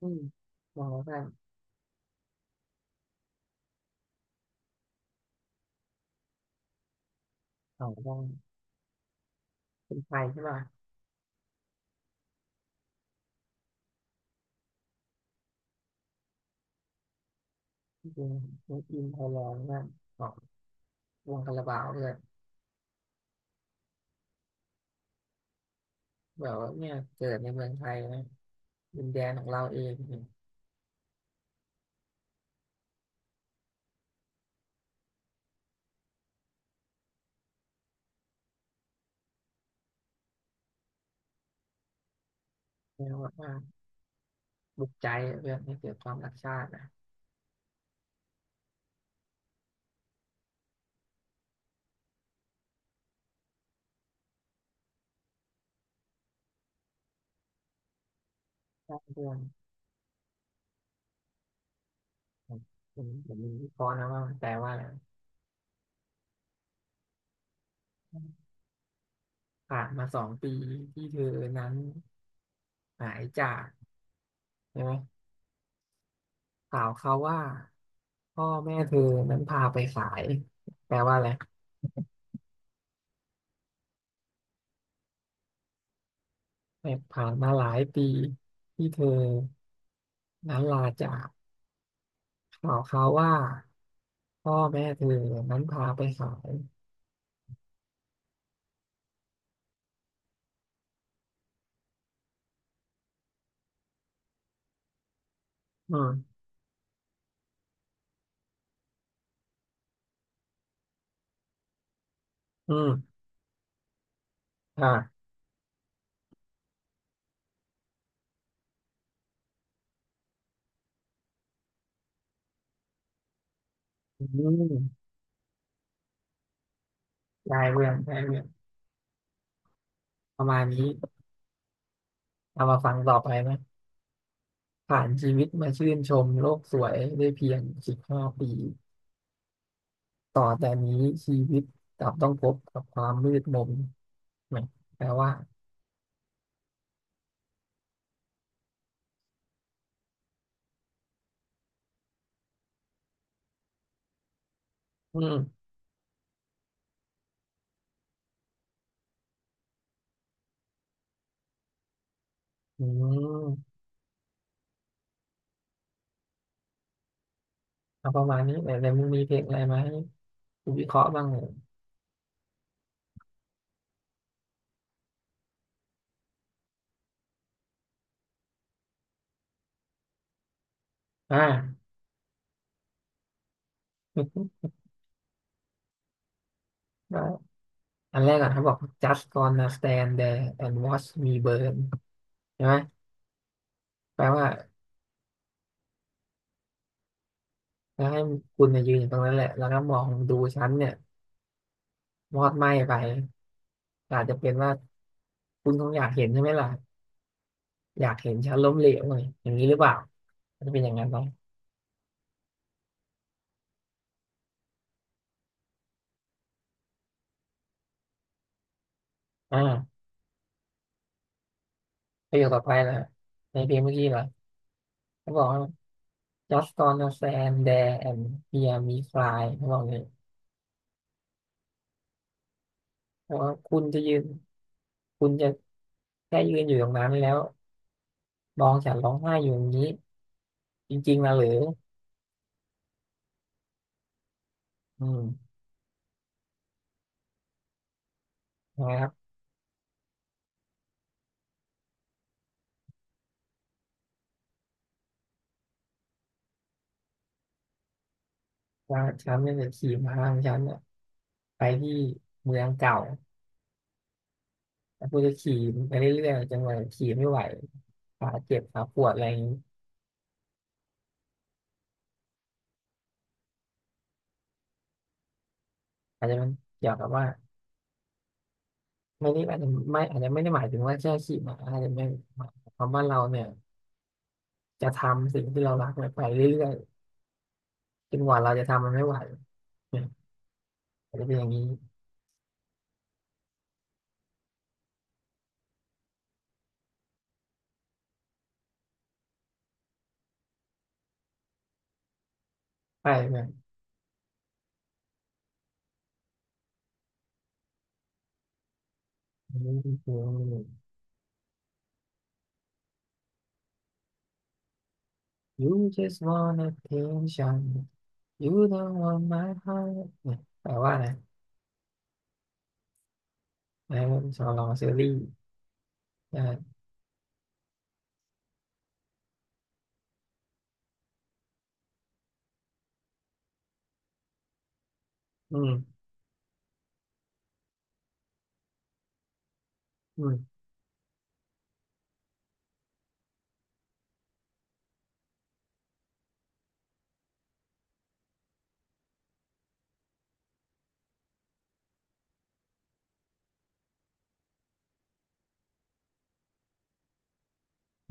อืมองว่าเขาต้องเป็นไทยใช่ไหมจริงๆมีอินไทยแลนด์ว่าของวงคาราบาวเลยแบบว่าเนี่ยเกิดในเมืองไทยนะดินแดนของเราเองเนี่ยเรียกว่าบุกใจเรื่องให้เกิดความรักชาตินะสร้างเรื่องผมผมมีวิเคราะห์นะว่ามันแปลว่าอะไรผ่านมาสองปีที่เธอนั้นหายจากใช่ไหมข่าวเขาว่าพ่อแม่เธอนั้นพาไปขายแปลว่าอะไร แต่ผ่านมาหลายปีที่เธอนั้นลาจากข่าวเขาวว่าพ่อแม่เธอนั้นพาไปขายอืมอืมอ่าอืมได้เรื่องได้เรื่องประมาณนี้เอามาฟังต่อไปไหมผ่านชีวิตมาชื่นชมโลกสวยได้เพียง15 ปีต่อแต่นี้ชีวิตกลับต้องพบกับความมืดมนไหมแปลว่าอืมอืมเอาประมาณนี้แต่ในมึงมีเพลงอะไรไหมาให้กูวิเคราะห์บ้างเหรออ่า ได้อันแรกอ่ะเขาบอก just gonna stand there and watch me burn ใช่ไหม แปลว่าแล้วให้คุณมายืนอยู่ตรงนั้นแหละ แล้วก็มองดูฉันเนี่ยมอดไหม้ไปอาจจะเป็นว่าคุณคงอยากเห็นใช่ไหมล่ะอยากเห็นฉันล้มเหลวหน่อยอย่างนี้หรือเปล่ามันจะเป็นอย่างนั้นไหมอ่าประโยคต่อไปนะในเพลงเมื่อกี้เหรอเขาบอกว่า just gonna stand there and hear me cry เขาบอกเลยเพราะว่าคุณจะแค่ยืนอยู่ตรงนั้นแล้วมองฉันร้องไห้อยู่อย่างนี้ จริงๆนะหรืออืมนะครับว่าฉันเนี่ยจะขี่พาของฉันเนี่ยไปที่เมืองเก่าแล้วกูจะขี่ไปเรื่อยๆจนกว่าขี่ไม่ไหวขาเจ็บขาปวดอะไรอย่างนี้อาจจะเป็นเกี่ยวกับว่าไม่ได้อาจจะไม่ได้หมายถึงว่าแค่ขี่ม้าอาจจะไม่หมายความว่าเราเนี่ยจะทำสิ่งที่เรารักเนี่ยไปเรื่อยๆจนกว่าเราจะทำมันไม่ไหวเนี่ยอาจจะเป็นอย่างนี้ไปแบบนี้ คือ You just want attention You don't want my heart เนี่ยแปลว่าอะไรนะเป็นชอวลองซีรีส์ใช่อืมอืม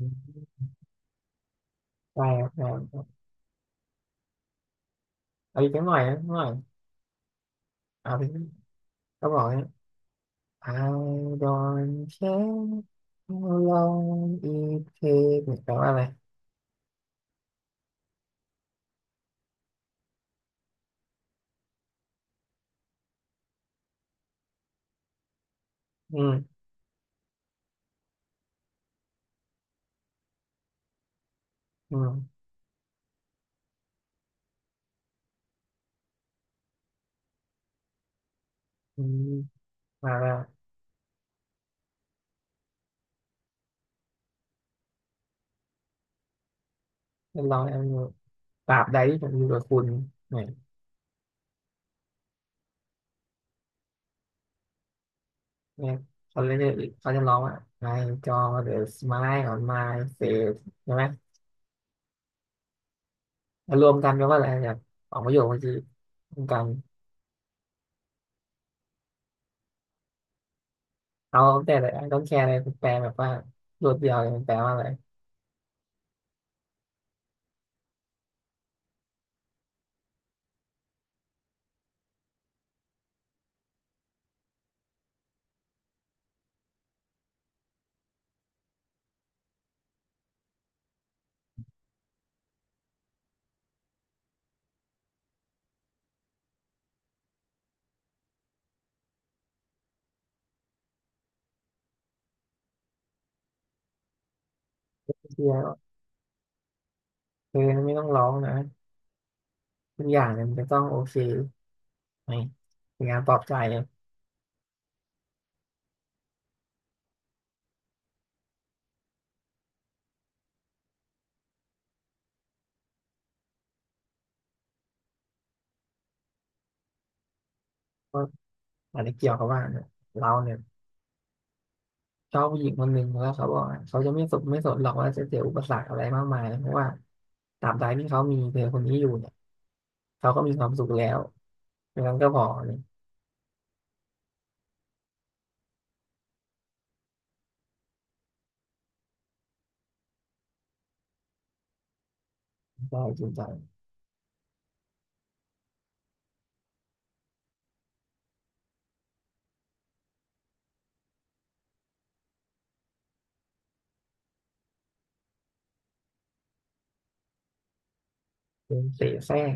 อืมแปลกแปลกเอาอีกหน่อยนะหน่อยเอาไปก็บอกเนี่ย I don't care how long it takes เนี่ยแปลว่าอะไร อืม อืม อืมมาแล้วจะลองแอมอยู่ตราบใดที่ผมอยู่กับคุณเนี่ย เนี่ยเขาเรียกเขาจะร้องว่าไอจอ the smile on my face ใช่ไหมแล้วรวมกันแปลว่าอะไรแบบสองประโยคเมื่อกี้รวมกันเอาแต่ละไอ้ต้องแคร์อะไรแปลแบบว่ารวดเดียวเลยมันแปลว่าอะไรเชี่อเธอไม่ต้องร้องนะทุกอย่างเนี่ยมันจะต้องโอเคไหมเป็นงานปลอบใจเลยก็อาจจะเกี่ยวกับว่าเนี่ยเราเนี่ยชอบผู้หญิงคนหนึ่งแล้วเขาบอกว่าเขาจะไม่สนไม่สนหรอกว่าจะเจออุปสรรคอะไรมากมายเพราะว่าตราบใดที่เขามีเธอคนนี้อยู่เนี่ยเขาก็มีความสุขแล้ว อย่างนั้นก็พอเนี่ยพอจริงจังเป็นเสแสร้ง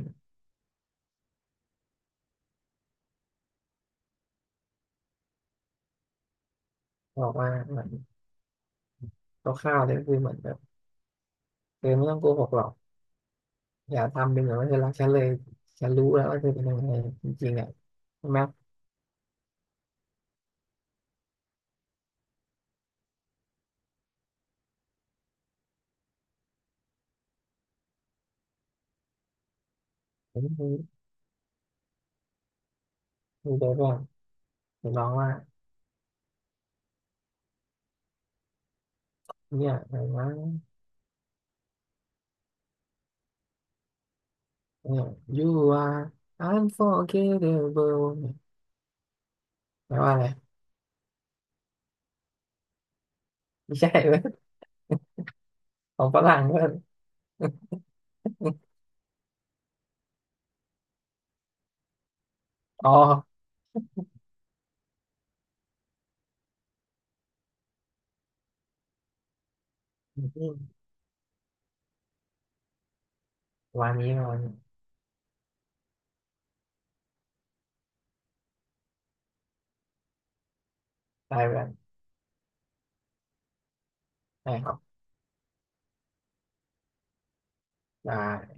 บอกว่าเหมือนคร่าวๆเลยก็คือเหมือนแบบเออไม่ต้องโกหกหรอกอย่าทำเป็นเหมือนว่าเธอรักฉันเลยฉันรู้แล้วว่าเธอเป็นยังไงจริงๆอ่ะใช่ไหมผมคืมคือแบบว่างจะร้องว่าเนี่ยอะไรวะเนี่ย you are unforgettable เนี่ยแปลว่าอะไรไม่ใช่เว้ยของฝรั่งเว้ยอ๋อวันนี้วันนี้ตายไปแล้วใช่ครับได้